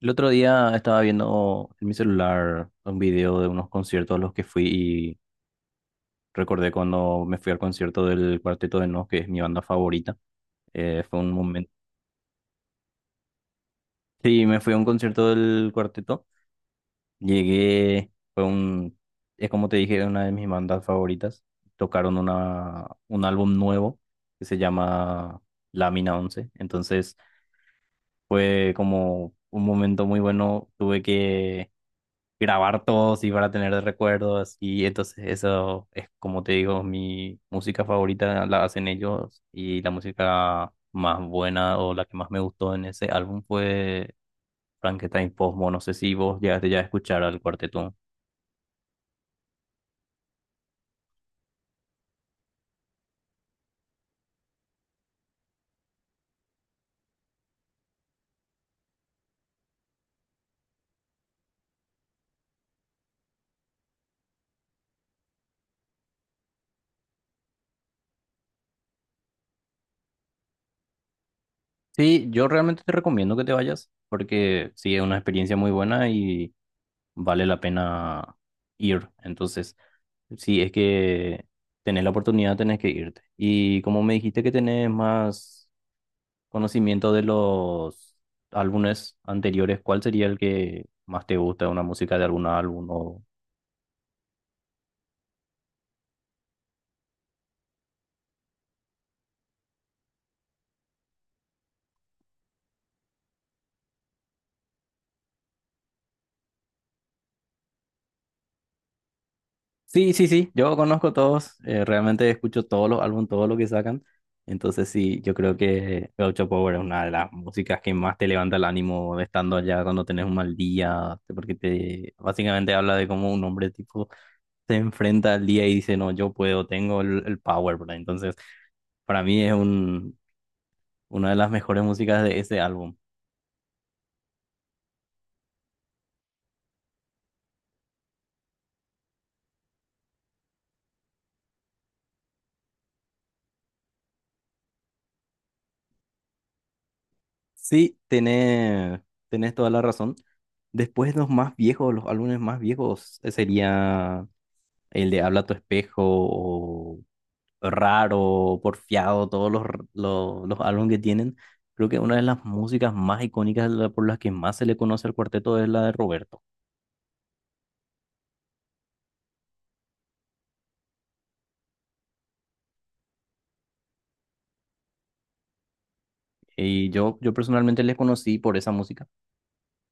El otro día estaba viendo en mi celular un video de unos conciertos a los que fui y recordé cuando me fui al concierto del Cuarteto de Nos, que es mi banda favorita. Fue un momento. Sí, me fui a un concierto del Cuarteto. Llegué, es como te dije, una de mis bandas favoritas. Tocaron un álbum nuevo que se llama Lámina Once. Entonces fue como un momento muy bueno. Tuve que grabar todos y para tener de recuerdos. Y entonces eso es, como te digo, mi música favorita la hacen ellos y la música más buena o la que más me gustó en ese álbum fue Frankenstein Posmo. No sé si vos llegaste ya a escuchar al cuarteto. Sí, yo realmente te recomiendo que te vayas porque sí, es una experiencia muy buena y vale la pena ir. Entonces, sí, es que tenés la oportunidad, tenés que irte. Y como me dijiste que tenés más conocimiento de los álbumes anteriores, ¿cuál sería el que más te gusta, una música de algún álbum o... Sí, sí, sí, yo conozco todos, realmente escucho todos los álbumes, todo lo que sacan, entonces sí, yo creo que Gaucho Power es una de las músicas que más te levanta el ánimo estando allá cuando tenés un mal día, porque te básicamente habla de cómo un hombre tipo se enfrenta al día y dice, no, yo puedo, tengo el power, ¿verdad? Entonces, para mí es una de las mejores músicas de ese álbum. Sí, tenés toda la razón. Después los más viejos, los álbumes más viejos, sería el de Habla tu espejo o Raro, Porfiado, todos los álbumes que tienen. Creo que una de las músicas más icónicas por las que más se le conoce al cuarteto es la de Roberto. Y yo personalmente les conocí por esa música.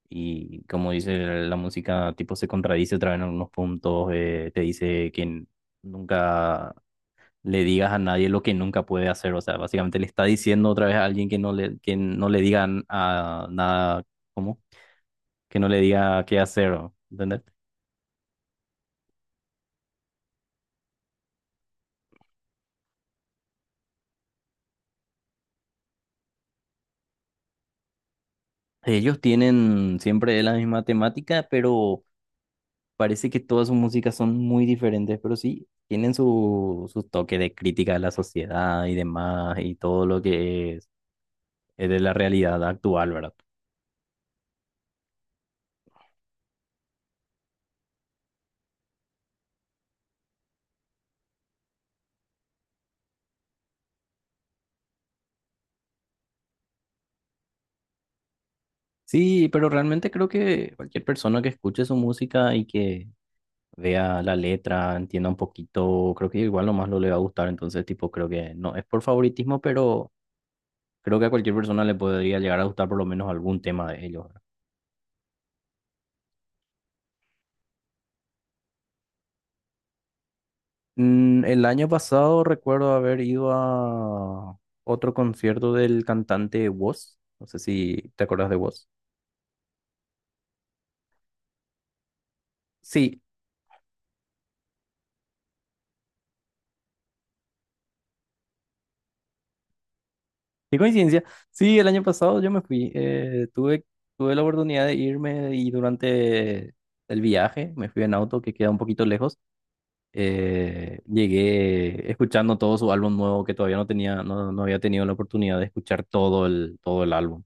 Y como dice, la música tipo se contradice otra vez en algunos puntos, te dice que nunca le digas a nadie lo que nunca puede hacer. O sea, básicamente le está diciendo otra vez a alguien que no le digan a nada, ¿cómo? Que no le diga qué hacer, ¿o? ¿Entendés? Ellos tienen siempre la misma temática, pero parece que todas sus músicas son muy diferentes, pero sí tienen su, su toque de crítica a la sociedad y demás, y todo lo que es de la realidad actual, ¿verdad? Sí, pero realmente creo que cualquier persona que escuche su música y que vea la letra, entienda un poquito, creo que igual nomás lo le va a gustar, entonces tipo creo que no es por favoritismo, pero creo que a cualquier persona le podría llegar a gustar por lo menos algún tema de ellos, ¿verdad? El año pasado recuerdo haber ido a otro concierto del cantante Woz, no sé si te acuerdas de Woz. Sí, qué coincidencia. Sí, el año pasado yo me fui, tuve la oportunidad de irme y durante el viaje me fui en auto que queda un poquito lejos. Llegué escuchando todo su álbum nuevo que todavía no tenía, no, no había tenido la oportunidad de escuchar todo el álbum.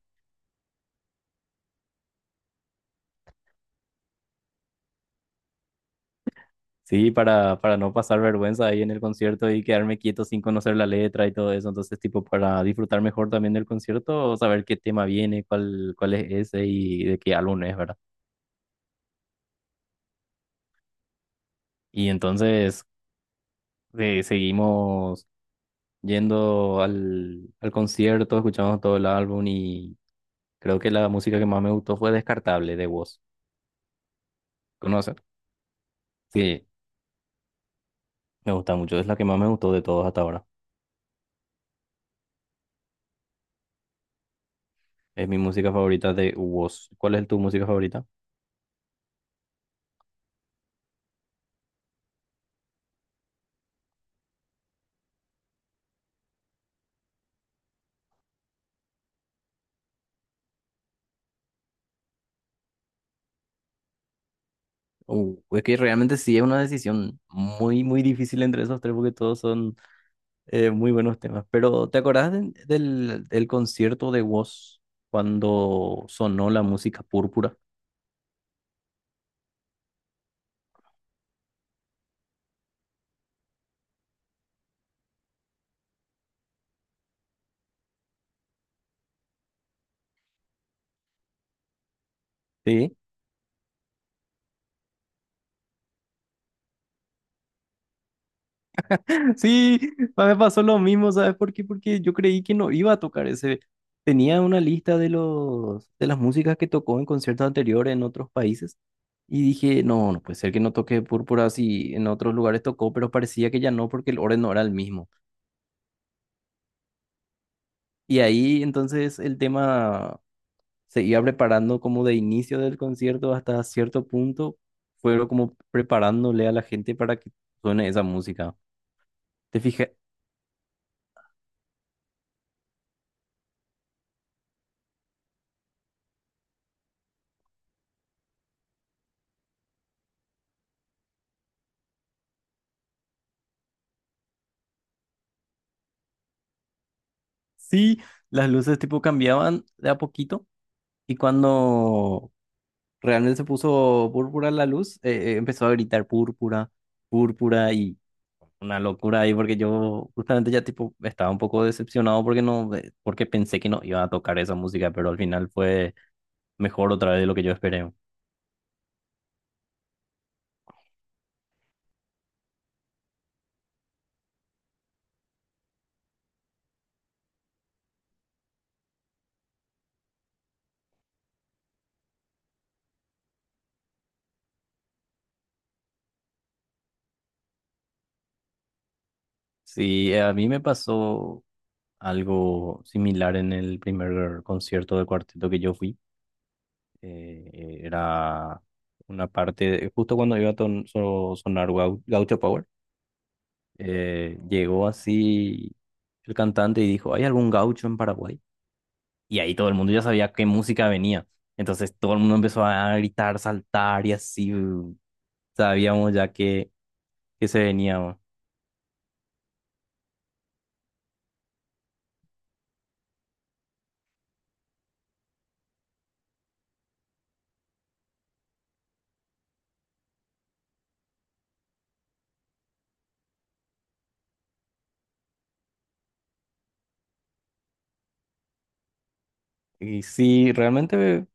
Sí, para no pasar vergüenza ahí en el concierto y quedarme quieto sin conocer la letra y todo eso. Entonces, tipo, para disfrutar mejor también del concierto, saber qué tema viene, cuál, cuál es ese y de qué álbum es, ¿verdad? Y entonces seguimos yendo al, al concierto, escuchamos todo el álbum y creo que la música que más me gustó fue Descartable de Woz. ¿Conocen? Sí, me gusta mucho, es la que más me gustó de todos hasta ahora. Es mi música favorita de Woz. ¿Cuál es tu música favorita? Es que realmente sí es una decisión muy, muy difícil entre esos tres porque todos son muy buenos temas. Pero ¿te acordás del, del concierto de Woz cuando sonó la música púrpura? Sí. Sí, a mí me pasó lo mismo, ¿sabes por qué? Porque yo creí que no iba a tocar ese. Tenía una lista de los de las músicas que tocó en conciertos anteriores en otros países y dije, no, no puede ser que no toque Púrpura si en otros lugares tocó, pero parecía que ya no porque el orden no era el mismo. Y ahí entonces el tema se iba preparando como de inicio del concierto hasta cierto punto, fueron como preparándole a la gente para que suene esa música. ¿Te fijas? Sí, las luces tipo cambiaban de a poquito. Y cuando realmente se puso púrpura la luz, empezó a gritar púrpura, púrpura y una locura ahí porque yo justamente ya tipo estaba un poco decepcionado porque no, porque pensé que no iba a tocar esa música, pero al final fue mejor otra vez de lo que yo esperé. Sí, a mí me pasó algo similar en el primer concierto del cuarteto que yo fui. Era una parte, justo cuando iba a sonar Gaucho Power. Llegó así el cantante y dijo, ¿hay algún gaucho en Paraguay? Y ahí todo el mundo ya sabía qué música venía. Entonces todo el mundo empezó a gritar, saltar y así sabíamos ya que se venía, ¿no? Y sí, realmente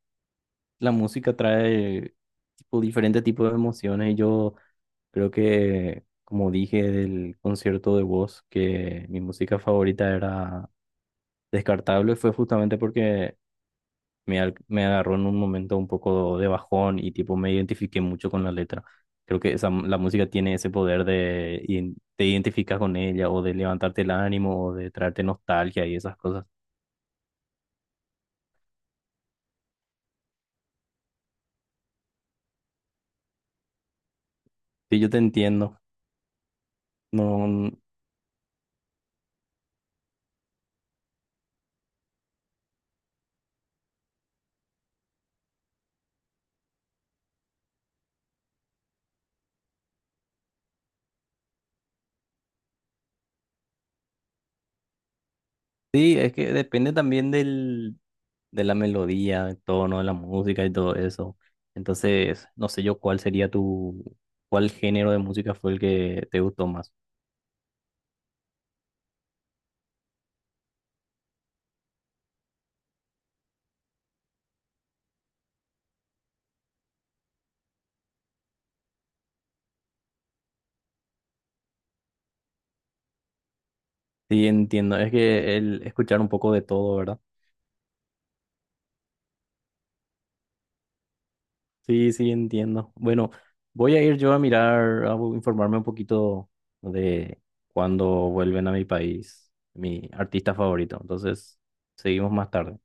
la música trae tipo, diferentes tipos de emociones y yo creo que, como dije del concierto de voz que mi música favorita era Descartable, fue justamente porque me agarró en un momento un poco de bajón y tipo me identifiqué mucho con la letra. Creo que esa, la música tiene ese poder de te identificas con ella o de levantarte el ánimo o de traerte nostalgia y esas cosas. Sí, yo te entiendo. No, sí, es que depende también del, de la melodía, del tono de la música y todo eso. Entonces, no sé yo cuál sería tu, cuál género de música fue el que te gustó más. Sí, entiendo. Es que el escuchar un poco de todo, ¿verdad? Sí, sí, entiendo. Bueno, voy a ir yo a mirar, a informarme un poquito de cuándo vuelven a mi país, mi artista favorito. Entonces, seguimos más tarde.